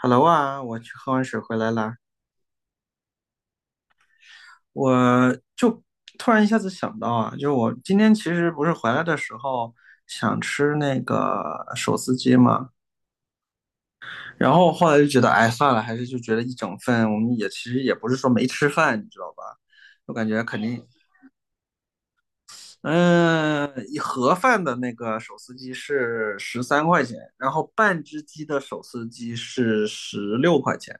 Hello 啊，我去喝完水回来啦，我就突然一下子想到啊，就是我今天其实不是回来的时候想吃那个手撕鸡嘛。然后后来就觉得，哎，算了，还是就觉得一整份，我们也其实也不是说没吃饭，你知道吧？我感觉肯定。嗯，一盒饭的那个手撕鸡是13块钱，然后半只鸡的手撕鸡是十六块钱。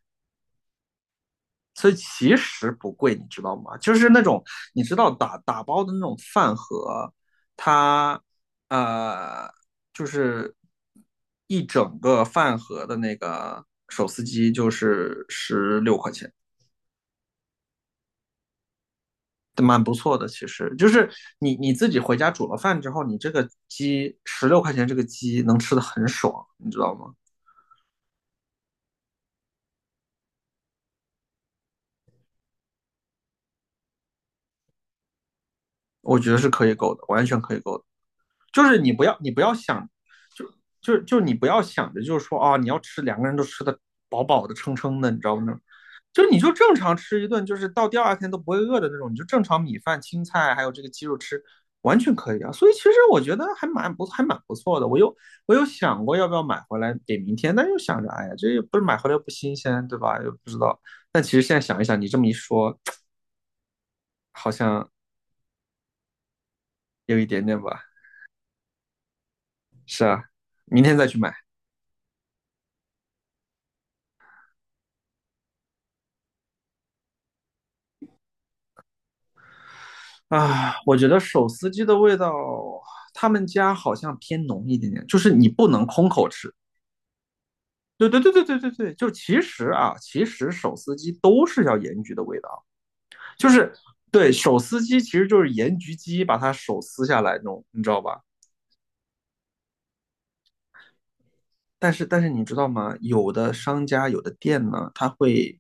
所以其实不贵，你知道吗？就是那种你知道打包的那种饭盒，它呃就是一整个饭盒的那个手撕鸡就是十六块钱，蛮不错的。其实就是你自己回家煮了饭之后，你这个鸡十六块钱，这个鸡能吃的很爽，你知道吗？我觉得是可以够的，完全可以够的。就是你不要想，就就你不要想着就是说啊，你要吃两个人都吃的饱饱的撑撑的，你知道吗？就你就正常吃一顿，就是到第二天都不会饿的那种，你就正常米饭、青菜还有这个鸡肉吃，完全可以啊。所以其实我觉得还蛮不错的。我又想过要不要买回来给明天，但又想着，哎呀，这又不是买回来又不新鲜，对吧？又不知道。但其实现在想一想，你这么一说，好像有一点点吧。是啊，明天再去买。啊，我觉得手撕鸡的味道，他们家好像偏浓一点点，就是你不能空口吃。对对对对对对对，就其实啊，其实手撕鸡都是要盐焗的味道，就是对手撕鸡其实就是盐焗鸡把它手撕下来那种，你知道吧？但是你知道吗？有的商家有的店呢，它会，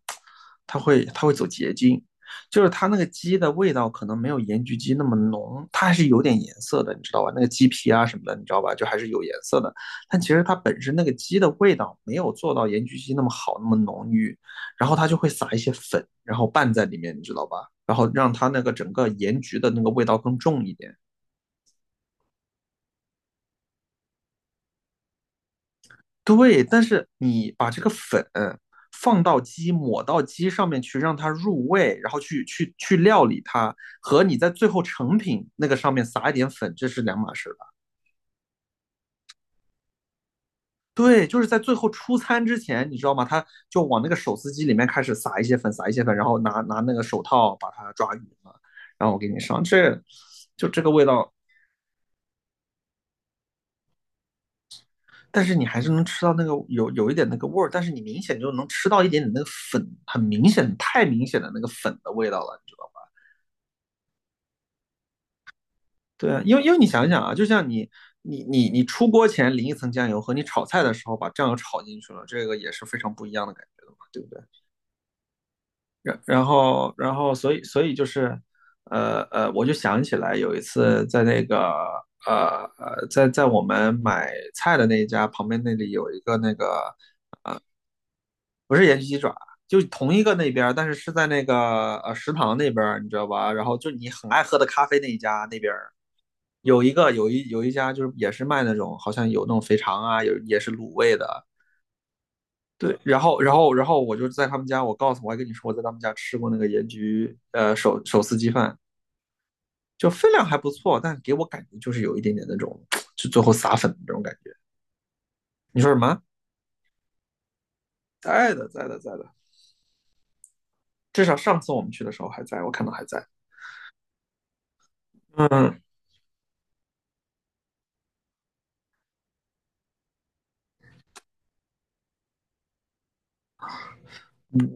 它会它会走捷径，就是它那个鸡的味道可能没有盐焗鸡那么浓，它还是有点颜色的，你知道吧？那个鸡皮啊什么的，你知道吧？就还是有颜色的。但其实它本身那个鸡的味道没有做到盐焗鸡那么好，那么浓郁，然后它就会撒一些粉，然后拌在里面，你知道吧？然后让它那个整个盐焗的那个味道更重一点。对，但是你把这个粉放到鸡，抹到鸡上面去，让它入味，然后去料理它，和你在最后成品那个上面撒一点粉，这是两码事吧？对，就是在最后出餐之前，你知道吗？他就往那个手撕鸡里面开始撒一些粉，撒一些粉，然后拿那个手套把它抓匀了，然后我给你上，这就这个味道。但是你还是能吃到那个有一点那个味儿，但是你明显就能吃到一点点那个粉，很明显、太明显的那个粉的味道了，你知道吗？对啊，因为你想想啊，就像你出锅前淋一层酱油，和你炒菜的时候把酱油炒进去了，这个也是非常不一样的感觉的嘛，对不对？然后所以就是，我就想起来有一次在那个在我们买菜的那一家旁边那里有一个那个不是盐焗鸡爪，就同一个那边儿，但是是在那个食堂那边儿，你知道吧？然后就你很爱喝的咖啡那一家那边儿有一个有一有一家就是也是卖那种好像有那种肥肠啊，有也是卤味的。对，然后我就在他们家，我告诉我还跟你说我在他们家吃过那个盐焗手撕鸡饭，就分量还不错，但给我感觉就是有一点点那种就最后撒粉的那种感觉。你说什么？在的，在的，在的。至少上次我们去的时候还在，我看到还在。嗯，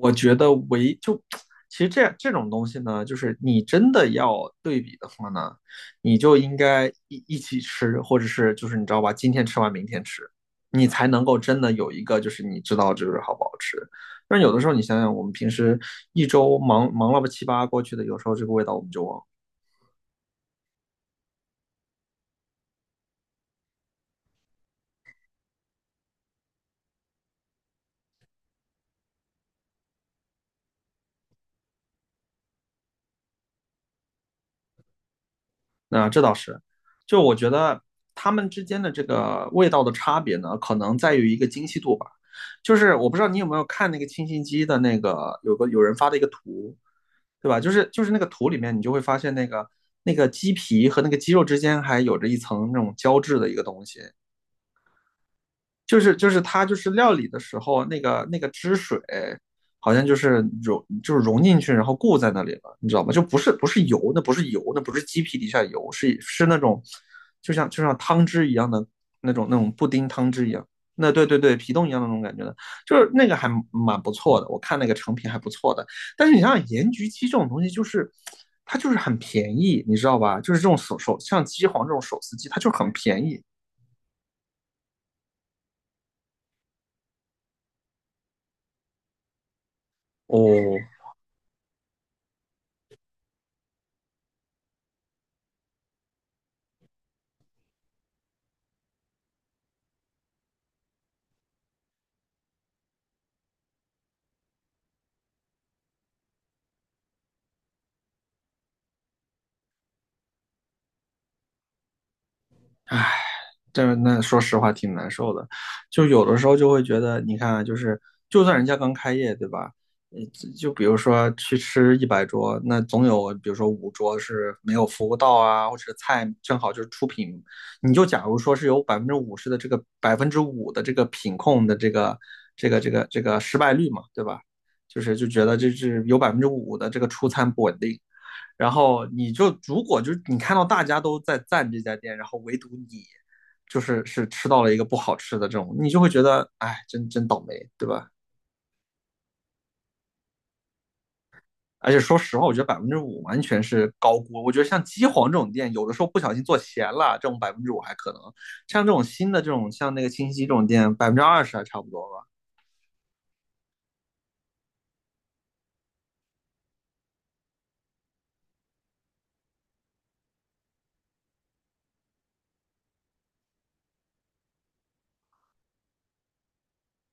我觉得就 其实这种东西呢，就是你真的要对比的话呢，你就应该一起吃，或者是就是你知道吧，今天吃完明天吃，你才能够真的有一个就是你知道就是好不好吃。但是有的时候你想想，我们平时一周忙忙了吧七八过去的，有时候这个味道我们就忘了。那这倒是，就我觉得他们之间的这个味道的差别呢，可能在于一个精细度吧。就是我不知道你有没有看那个清新鸡的那个有人发的一个图，对吧？就是那个图里面，你就会发现那个那个鸡皮和那个鸡肉之间还有着一层那种胶质的一个东西，就是它就是料理的时候那个汁水好像就是融进去，然后固在那里了，你知道吗？就不是油，那不是油，那不是鸡皮底下油，是那种就像汤汁一样的那种布丁汤汁一样。那对对对，皮冻一样的那种感觉的，就是那个还蛮不错的，我看那个成品还不错的。但是你想想，盐焗鸡这种东西，就是它就是很便宜，你知道吧？就是这种像鸡皇这种手撕鸡，它就很便宜哦。那说实话挺难受的，就有的时候就会觉得，你看啊就是就算人家刚开业，对吧？就比如说去吃100桌，那总有比如说五桌是没有服务到啊，或者菜正好就是出品，你就假如说是有百分之五的这个品控的这个失败率嘛，对吧？就是觉得这是有百分之五的这个出餐不稳定，然后你就如果就是你看到大家都在赞这家店，然后唯独你就是是吃到了一个不好吃的这种，你就会觉得哎，真倒霉，对吧？而且说实话，我觉得百分之五完全是高估。我觉得像鸡皇这种店，有的时候不小心做咸了，这种百分之五还可能；像这种新的这种，像那个清溪这种店，20%还差不多吧。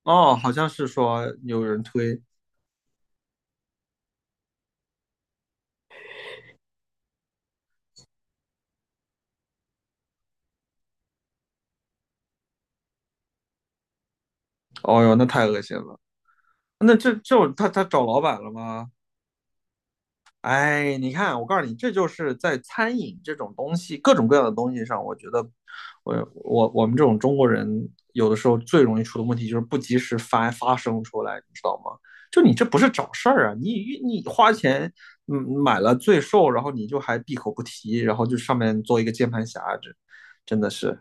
哦，好像是说有人推，哦哟，那太恶心了。那这这种他找老板了吗？哎，你看，我告诉你，这就是在餐饮这种东西，各种各样的东西上，我觉得我们这种中国人有的时候最容易出的问题就是不及时发声出来，你知道吗？就你这不是找事儿啊，你花钱买了罪受，然后你就还闭口不提，然后就上面做一个键盘侠，这真的是。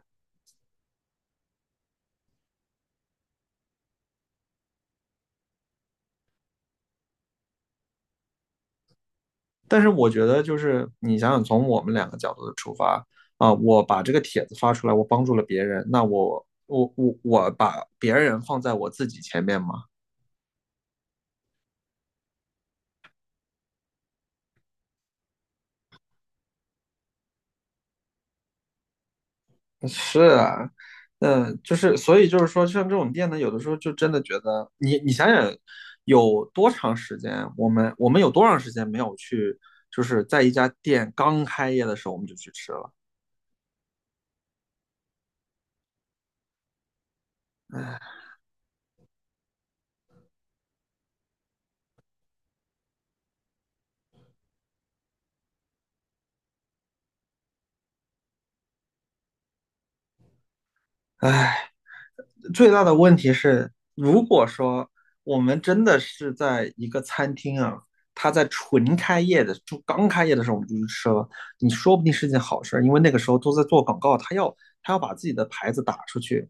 但是我觉得，就是你想想，从我们两个角度的出发啊，我把这个帖子发出来，我帮助了别人，那我把别人放在我自己前面吗？是啊，嗯，就是所以就是说，像这种店呢，有的时候就真的觉得，你你想想，有多长时间，我们有多长时间没有去，就是在一家店刚开业的时候我们就去吃了，唉。最大的问题是，如果说我们真的是在一个餐厅啊，它在纯开业的，就刚开业的时候我们就去吃了，你说不定是件好事因为那个时候都在做广告，他要把自己的牌子打出去。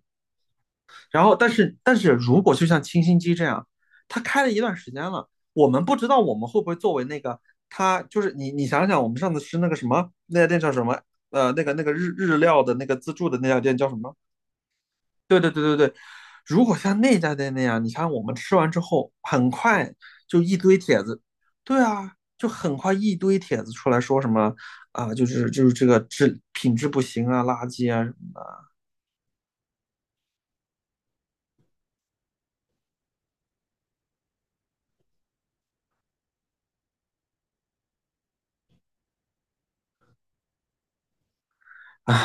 然后，但是如果就像清新鸡这样，他开了一段时间了，我们不知道我们会不会作为那个他，就是你你想想，我们上次吃那个什么那家店叫什么？呃，那个日料的那个自助的那家店叫什么？对对对对对，如果像那家店那样，你看我们吃完之后，很快就一堆帖子，对啊，就很快一堆帖子出来说什么啊、就是这个品质不行啊，垃圾啊什么啊，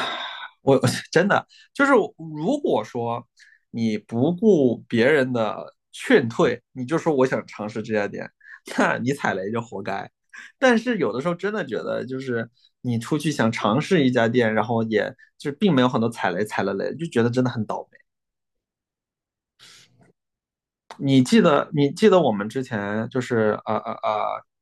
我 真的就是，如果说你不顾别人的劝退，你就说我想尝试这家店，那你踩雷就活该。但是有的时候真的觉得，就是你出去想尝试一家店，然后也就并没有很多踩雷，踩了雷就觉得真的很倒你记得你记得我们之前就是呃呃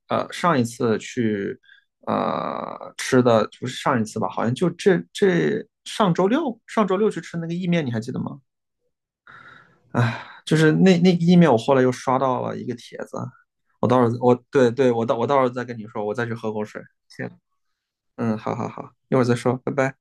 呃呃上一次去吃的不是上一次吧？好像就这上周六去吃那个意面，你还记得吗？哎，就是那个意面，我后来又刷到了一个帖子，我到时候我对对，我到时候再跟你说，我再去喝口水。行，嗯，好好好，一会儿再说，拜拜。